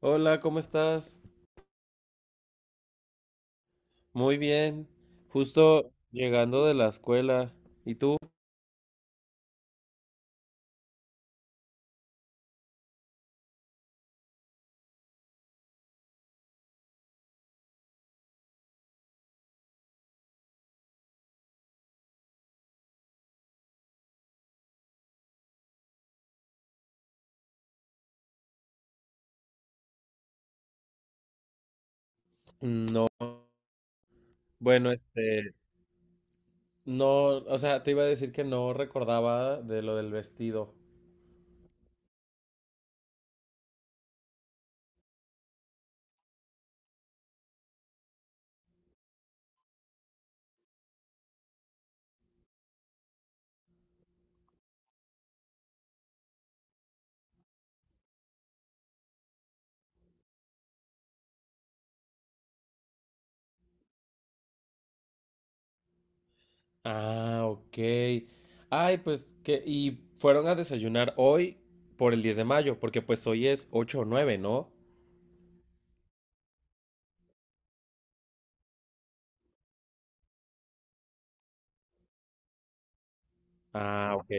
Hola, ¿cómo estás? Muy bien. Justo llegando de la escuela. ¿Y tú? No. Bueno, este, no, o sea, te iba a decir que no recordaba de lo del vestido. Ah, ok. Ay, pues y fueron a desayunar hoy por el 10 de mayo, porque pues hoy es 8 o 9, ¿no? Ah, ok.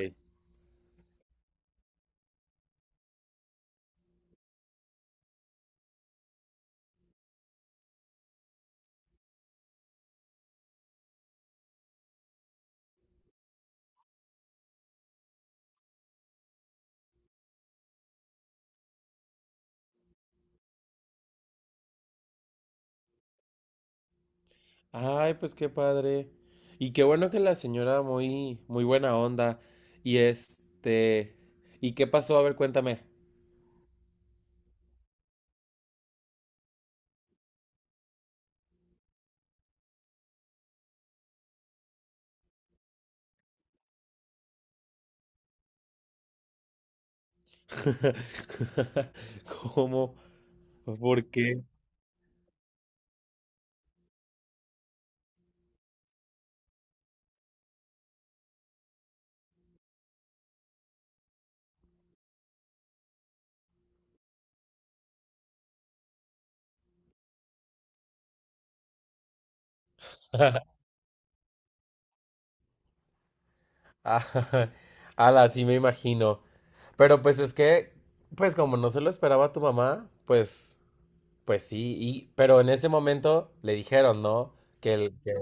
Ay, pues qué padre. Y qué bueno que la señora muy, muy buena onda. Y este, ¿y qué pasó? A ver, cuéntame. ¿Cómo? ¿Por qué? Ah, Ala, sí me imagino. Pero pues es que, pues como no se lo esperaba tu mamá, pues, pues sí, y, pero en ese momento le dijeron, ¿no? Que el, que,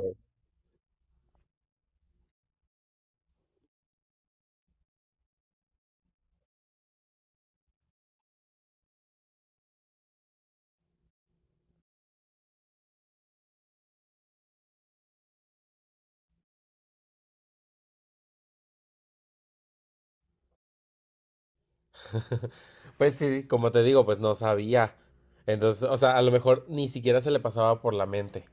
pues sí, como te digo, pues no sabía. Entonces, o sea, a lo mejor ni siquiera se le pasaba por la mente.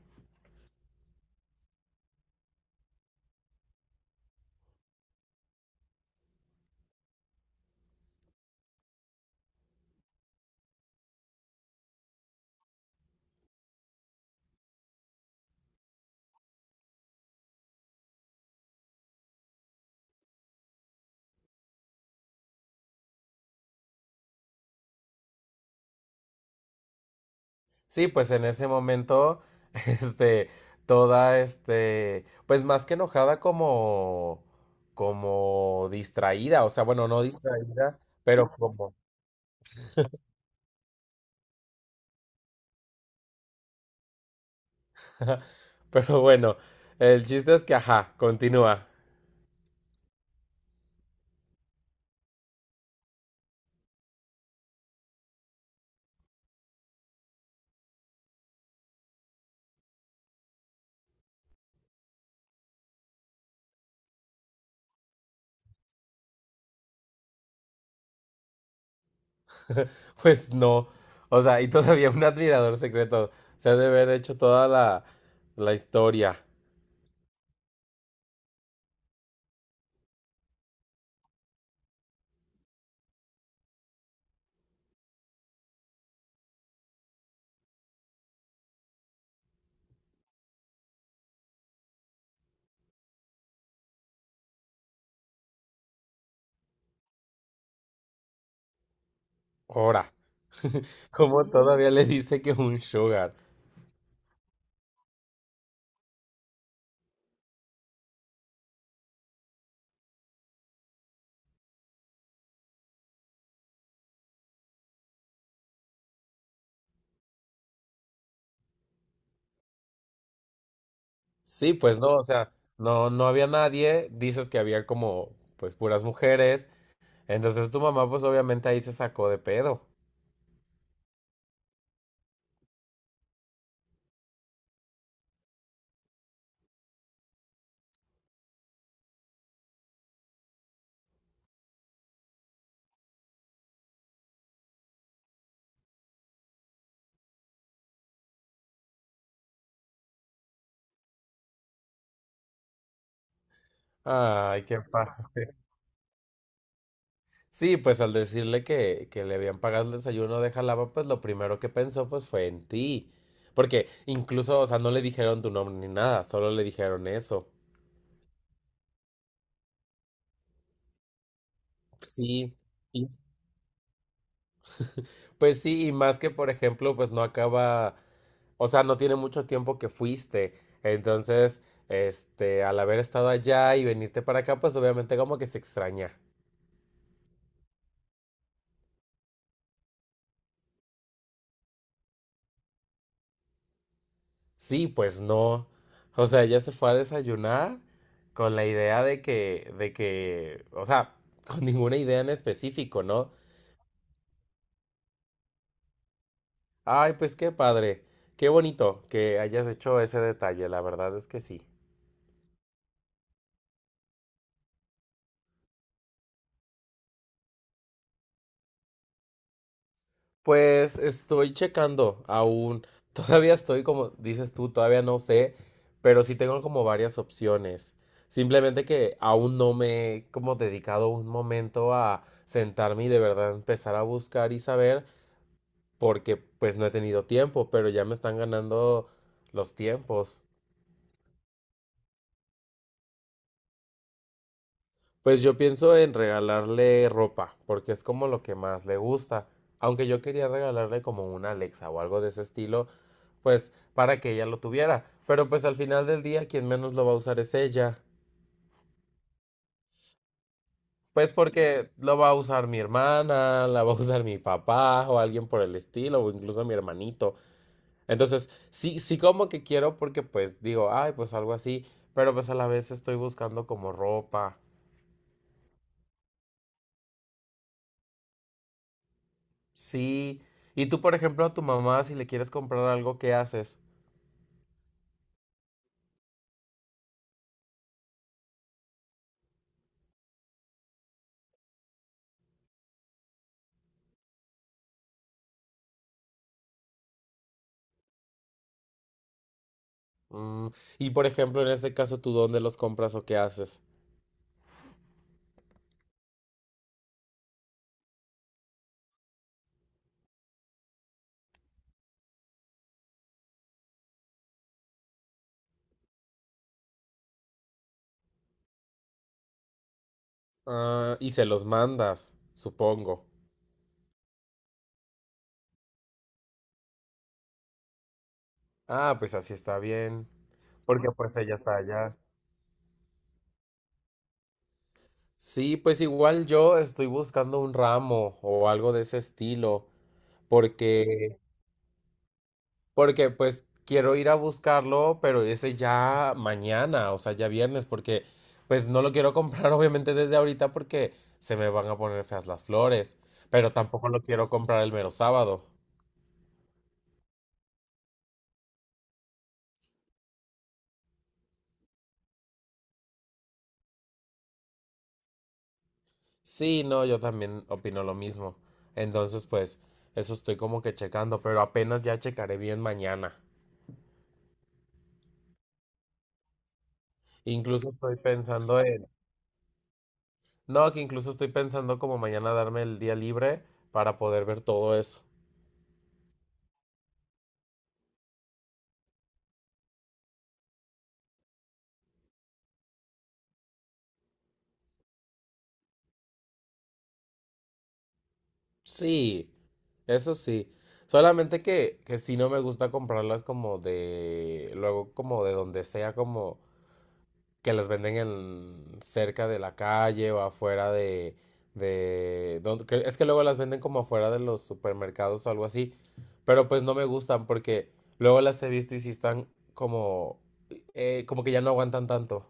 Sí, pues en ese momento, este, toda, este, pues más que enojada como, como distraída, o sea, bueno, no distraída, pero como, pero bueno, el chiste es que, ajá, continúa. Pues no, o sea, y todavía un admirador secreto, se ha de haber hecho toda la historia, ahora, como todavía le dice que un sugar. Sí, pues no, o sea, no, no había nadie, dices que había como, pues, puras mujeres, entonces tu mamá, pues, obviamente ahí se sacó de pedo. Ay, qué padre. Sí, pues al decirle que, le habían pagado el desayuno de Jalapa, pues lo primero que pensó, pues, fue en ti. Porque incluso, o sea, no le dijeron tu nombre ni nada, solo le dijeron eso. Sí. Pues sí, y más que, por ejemplo, pues no acaba, o sea, no tiene mucho tiempo que fuiste. Entonces, este, al haber estado allá y venirte para acá, pues obviamente como que se extraña. Sí, pues no. O sea, ella se fue a desayunar con la idea de que, o sea, con ninguna idea en específico, ¿no? Ay, pues qué padre, qué bonito que hayas hecho ese detalle, la verdad es que sí. Pues estoy checando aún, todavía estoy como dices tú, todavía no sé, pero sí tengo como varias opciones. Simplemente que aún no me he como dedicado un momento a sentarme y de verdad empezar a buscar y saber, porque pues no he tenido tiempo, pero ya me están ganando los tiempos. Pues yo pienso en regalarle ropa, porque es como lo que más le gusta. Aunque yo quería regalarle como una Alexa o algo de ese estilo, pues para que ella lo tuviera. Pero pues al final del día quien menos lo va a usar es ella. Pues porque lo va a usar mi hermana, la va a usar mi papá o alguien por el estilo, o incluso mi hermanito. Entonces, sí, sí como que quiero porque pues digo, ay, pues algo así, pero pues a la vez estoy buscando como ropa. Sí, y tú, por ejemplo, a tu mamá, si le quieres comprar algo, ¿qué haces? Mm, y por ejemplo, en este caso, ¿tú dónde los compras o qué haces? Ah, y se los mandas, supongo. Ah, pues así está bien, porque pues ella está allá. Sí, pues igual yo estoy buscando un ramo o algo de ese estilo, porque Porque pues quiero ir a buscarlo, pero ese ya mañana, o sea, ya viernes, porque pues no lo quiero comprar obviamente desde ahorita porque se me van a poner feas las flores, pero tampoco lo quiero comprar el mero sábado. Sí, no, yo también opino lo mismo. Entonces, pues eso estoy como que checando, pero apenas ya checaré bien mañana. Incluso estoy pensando en... No, que incluso estoy pensando como mañana darme el día libre para poder ver todo eso. Sí, eso sí. Solamente que, sí no me gusta comprarlas como de, luego como de donde sea, como que las venden en, cerca de la calle o afuera de, donde, es que luego las venden como afuera de los supermercados o algo así. Pero pues no me gustan porque luego las he visto y sí están como, como que ya no aguantan tanto.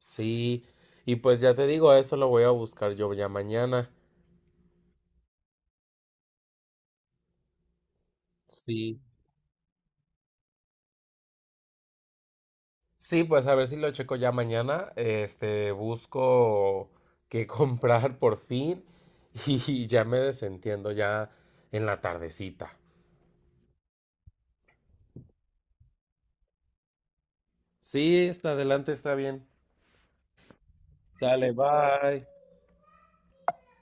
Sí, y pues ya te digo, eso lo voy a buscar yo ya mañana. Sí. Sí, pues a ver si lo checo ya mañana. Este, busco qué comprar por fin y ya me desentiendo ya en la tardecita. Sí, está adelante, está bien. Sale, bye.